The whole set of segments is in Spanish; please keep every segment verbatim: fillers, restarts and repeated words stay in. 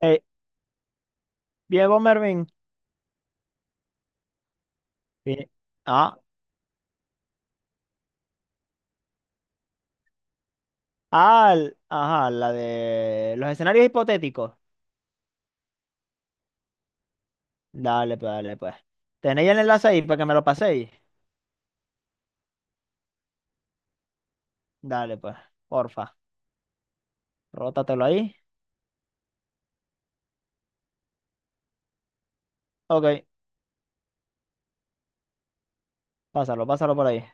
Eh, Diego Mervin. vi- Ah, ah, el- ajá, la de los escenarios hipotéticos. Dale, pues, dale, pues. ¿Tenéis el enlace ahí para que me lo paséis? Dale, pues, porfa. Rótatelo ahí. Ok, pásalo, pásalo por ahí.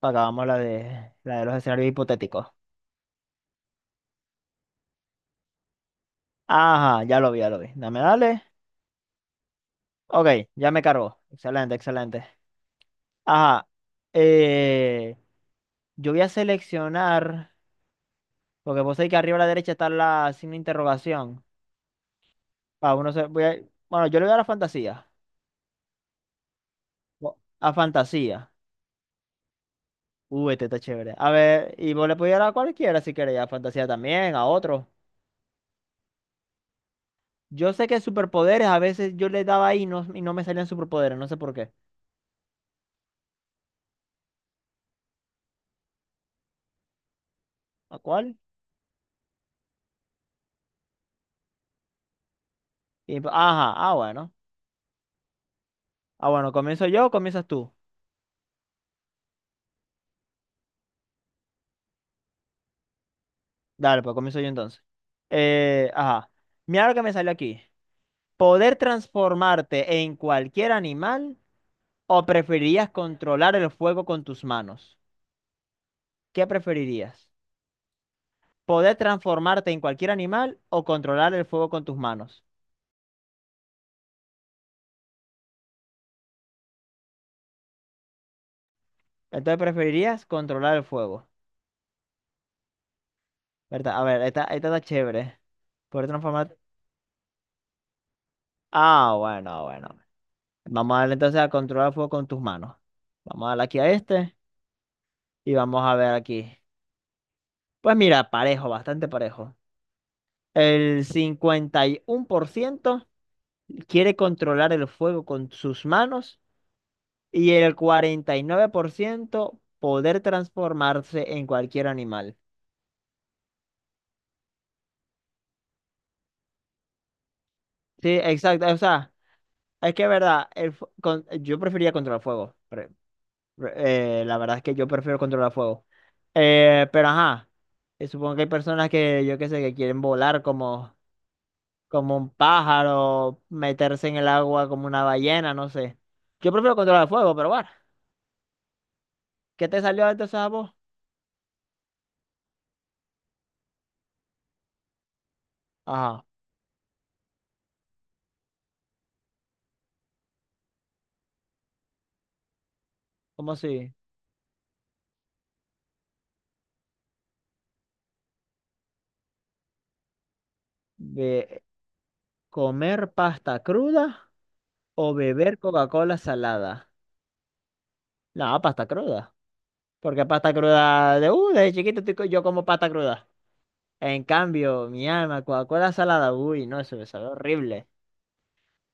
Acabamos la de, la de los escenarios hipotéticos. Ajá, ya lo vi, ya lo vi. Dame, dale. Ok, ya me cargó. Excelente, excelente. Ajá. Eh, yo voy a seleccionar, porque vos sabéis que arriba a la derecha está la signo de interrogación. Ah, uno se, voy a, bueno, yo le voy a la fantasía. O- A fantasía. Uy, este está chévere. A ver, y vos le podías dar a cualquiera si quería, a fantasía también, a otro. Yo sé que superpoderes, a veces yo le daba ahí y no, y no me salían superpoderes, no sé por qué. ¿A cuál? Y- ajá, ah, bueno. Ah, bueno, comienzo yo o comienzas tú. Dale, pues comienzo yo entonces. Eh, ajá. Mira lo que me salió aquí. ¿Poder transformarte en cualquier animal o preferirías controlar el fuego con tus manos? ¿Qué preferirías? Poder transformarte en cualquier animal o controlar el fuego con tus manos. Entonces preferirías controlar el fuego, ¿verdad? A ver, esta, esta está chévere. Poder transformarte. Ah, bueno, bueno. Vamos a darle entonces a controlar el fuego con tus manos. Vamos a darle aquí a este y vamos a ver aquí. Pues mira, parejo, bastante parejo. El cincuenta y uno por ciento quiere controlar el fuego con sus manos y el cuarenta y nueve por ciento poder transformarse en cualquier animal. Sí, exacto. O sea, es que es verdad, el fu- con- yo prefería controlar fuego. Pre- pre- eh, la verdad es que yo prefiero controlar fuego. Eh, pero ajá, eh, supongo que hay personas que, yo qué sé, que quieren volar como, como, un pájaro, meterse en el agua como una ballena, no sé. Yo prefiero controlar fuego, pero bueno, ¿qué te salió entonces a vos? Ajá, ¿cómo así? Be- ¿Comer pasta cruda o beber Coca-Cola salada? No, pasta cruda. Porque pasta cruda de, uh, desde chiquito estoy co- yo como pasta cruda. En cambio, mi alma, Coca-Cola salada, uy, no, eso me sabe horrible.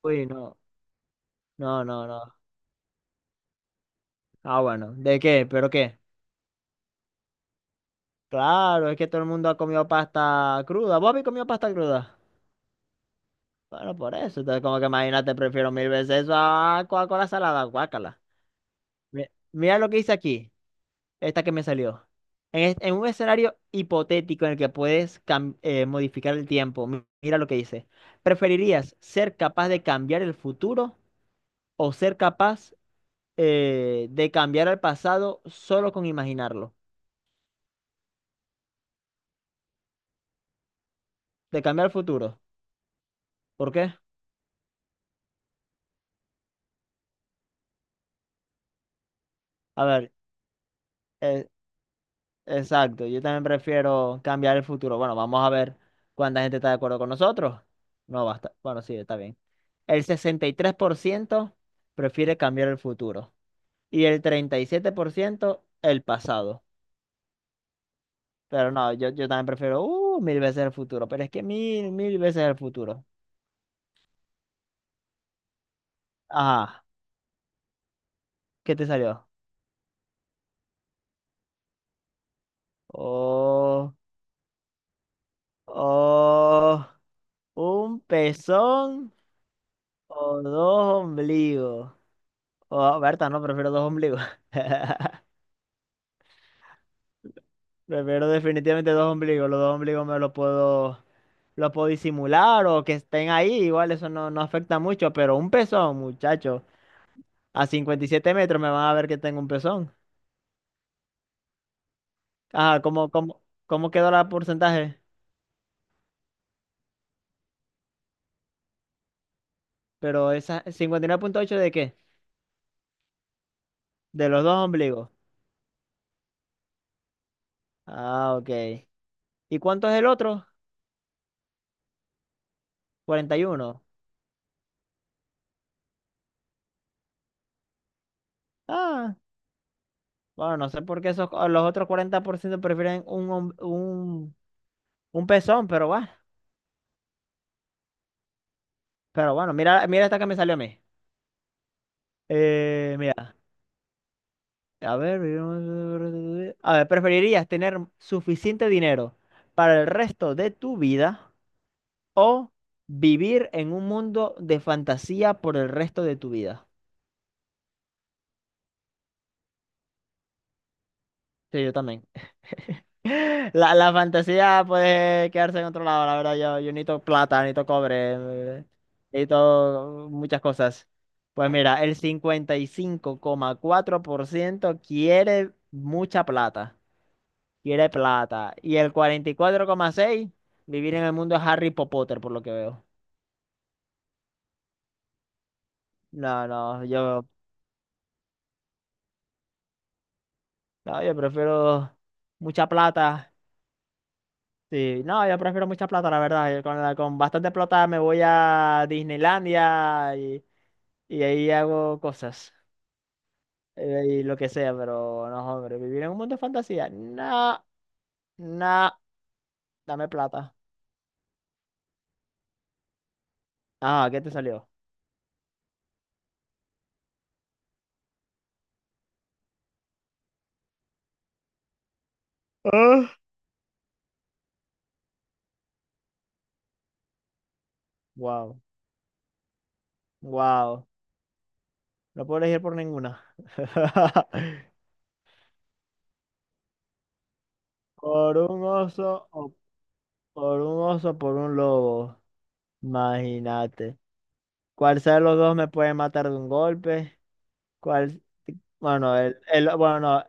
Uy, no, no, no, no. Ah, bueno, ¿de qué? ¿Pero qué? Claro, es que todo el mundo ha comido pasta cruda. ¿Vos habéis comido pasta cruda? Bueno, por eso. Entonces, como que imagínate, prefiero mil veces eso a Coca-Cola salada, guácala. Mi- Mira lo que hice aquí. Esta que me salió. En, es- en un escenario hipotético en el que puedes cam- eh, modificar el tiempo, mi- mira lo que dice. ¿Preferirías ser capaz de cambiar el futuro o ser capaz eh, de cambiar el pasado solo con imaginarlo? De cambiar el futuro. ¿Por qué? A ver, eh, exacto. Yo también prefiero cambiar el futuro. Bueno, vamos a ver cuánta gente está de acuerdo con nosotros. No basta. Bueno, sí, está bien. El sesenta y tres por ciento prefiere cambiar el futuro y el treinta y siete por ciento el pasado. Pero no, yo, yo también prefiero uh, mil veces el futuro, pero es que mil, mil veces el futuro. Ajá, ¿qué te salió? Oh, oh, un pezón o dos ombligos. Oh, Berta, no, prefiero dos ombligos. Prefiero definitivamente dos ombligos. Los dos ombligos me los puedo, los puedo disimular o que estén ahí. Igual eso no, no afecta mucho, pero un pezón, muchacho. A cincuenta y siete metros me van a ver que tengo un pezón. Ah, ¿cómo, cómo, cómo quedó la porcentaje? Pero esa ¿cincuenta y nueve punto ocho de qué? De los dos ombligos. Ah, ok. ¿Y cuánto es el otro? Cuarenta y uno. Ah, bueno, no sé por qué esos, los otros cuarenta por ciento prefieren un, hom- un, un pezón, pero bueno. Pero bueno, mira, mira esta que me salió a mí. Eh, mira, a ver. A ver, ¿preferirías tener suficiente dinero para el resto de tu vida o vivir en un mundo de fantasía por el resto de tu vida? Sí, yo también. La, la fantasía puede quedarse en otro lado, la verdad. Yo, yo necesito plata, necesito cobre, eh, necesito muchas cosas. Pues mira, el cincuenta y cinco coma cuatro por ciento quiere mucha plata. Quiere plata. Y el cuarenta y cuatro coma seis por ciento vivir en el mundo de Harry Potter, por lo que veo. No, no, yo, no, yo prefiero mucha plata. Sí, no, yo prefiero mucha plata, la verdad. Yo con, la- con bastante plata me voy a Disneylandia y, y, ahí hago cosas. eh, Y lo que sea, pero no, hombre, vivir en un mundo de fantasía. No, no, dame plata. Ah, ¿qué te salió? Ah. Wow, wow. No puedo elegir por ninguna. Por un oso o por un oso, por un lobo. Imagínate. ¿Cuál sea de los dos me puede matar de un golpe? ¿Cuál? Bueno, el, el, bueno, no.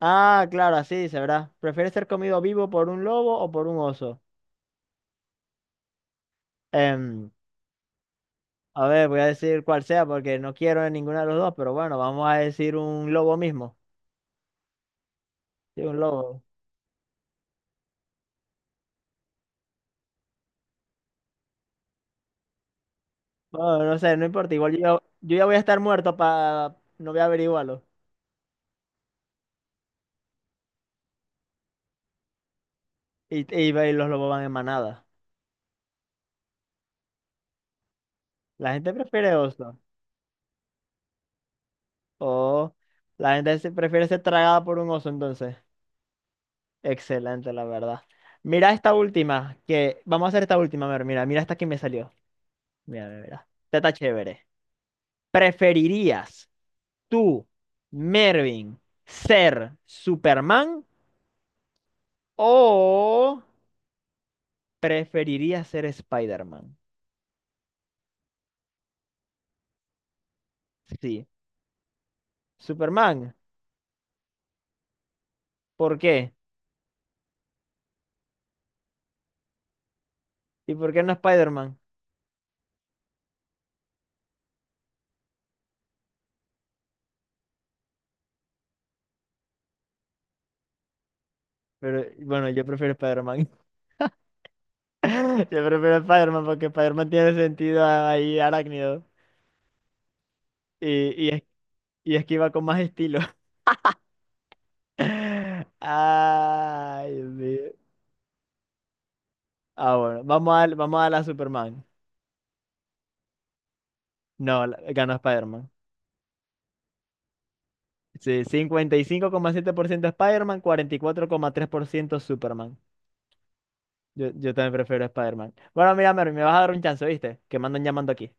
Ah, claro, así se verá. ¿Prefieres ser comido vivo por un lobo o por un oso? Em, a ver, voy a decir cuál sea porque no quiero ninguna de los dos, pero bueno, vamos a decir un lobo mismo. Sí, un lobo. Bueno, no sé, no importa. Igual yo, ya- yo ya voy a estar muerto para... No voy a averiguarlo. Y, y, ve, los lobos van en manada. La gente prefiere oso. O la gente se- prefiere ser tragada por un oso, entonces. Excelente, la verdad. Mira esta última, que... Vamos a hacer esta última, a ver, mira, mira esta que me salió. Mira, mira, mira. Esta está chévere. ¿Preferirías tú, Mervin, ser Superman o preferirías ser Spider-Man? Sí, Superman. ¿Por qué? ¿Y por qué no Spider-Man? Pero bueno, yo prefiero Spider-Man. Yo prefiero Spider-Man porque Spider-Man tiene sentido ahí arácnido y, y, es- y esquiva con más estilo. Ay, Dios mío. Ah, bueno, vamos a, vamos a la Superman. No, la- ganó Spider-Man. Sí, cincuenta y cinco coma siete por ciento Spider-Man, cuarenta y cuatro coma tres por ciento Superman. Yo, yo también prefiero Spider-Man. Bueno, mira, Mervin, me vas a dar un chance, ¿viste? Que me andan llamando aquí.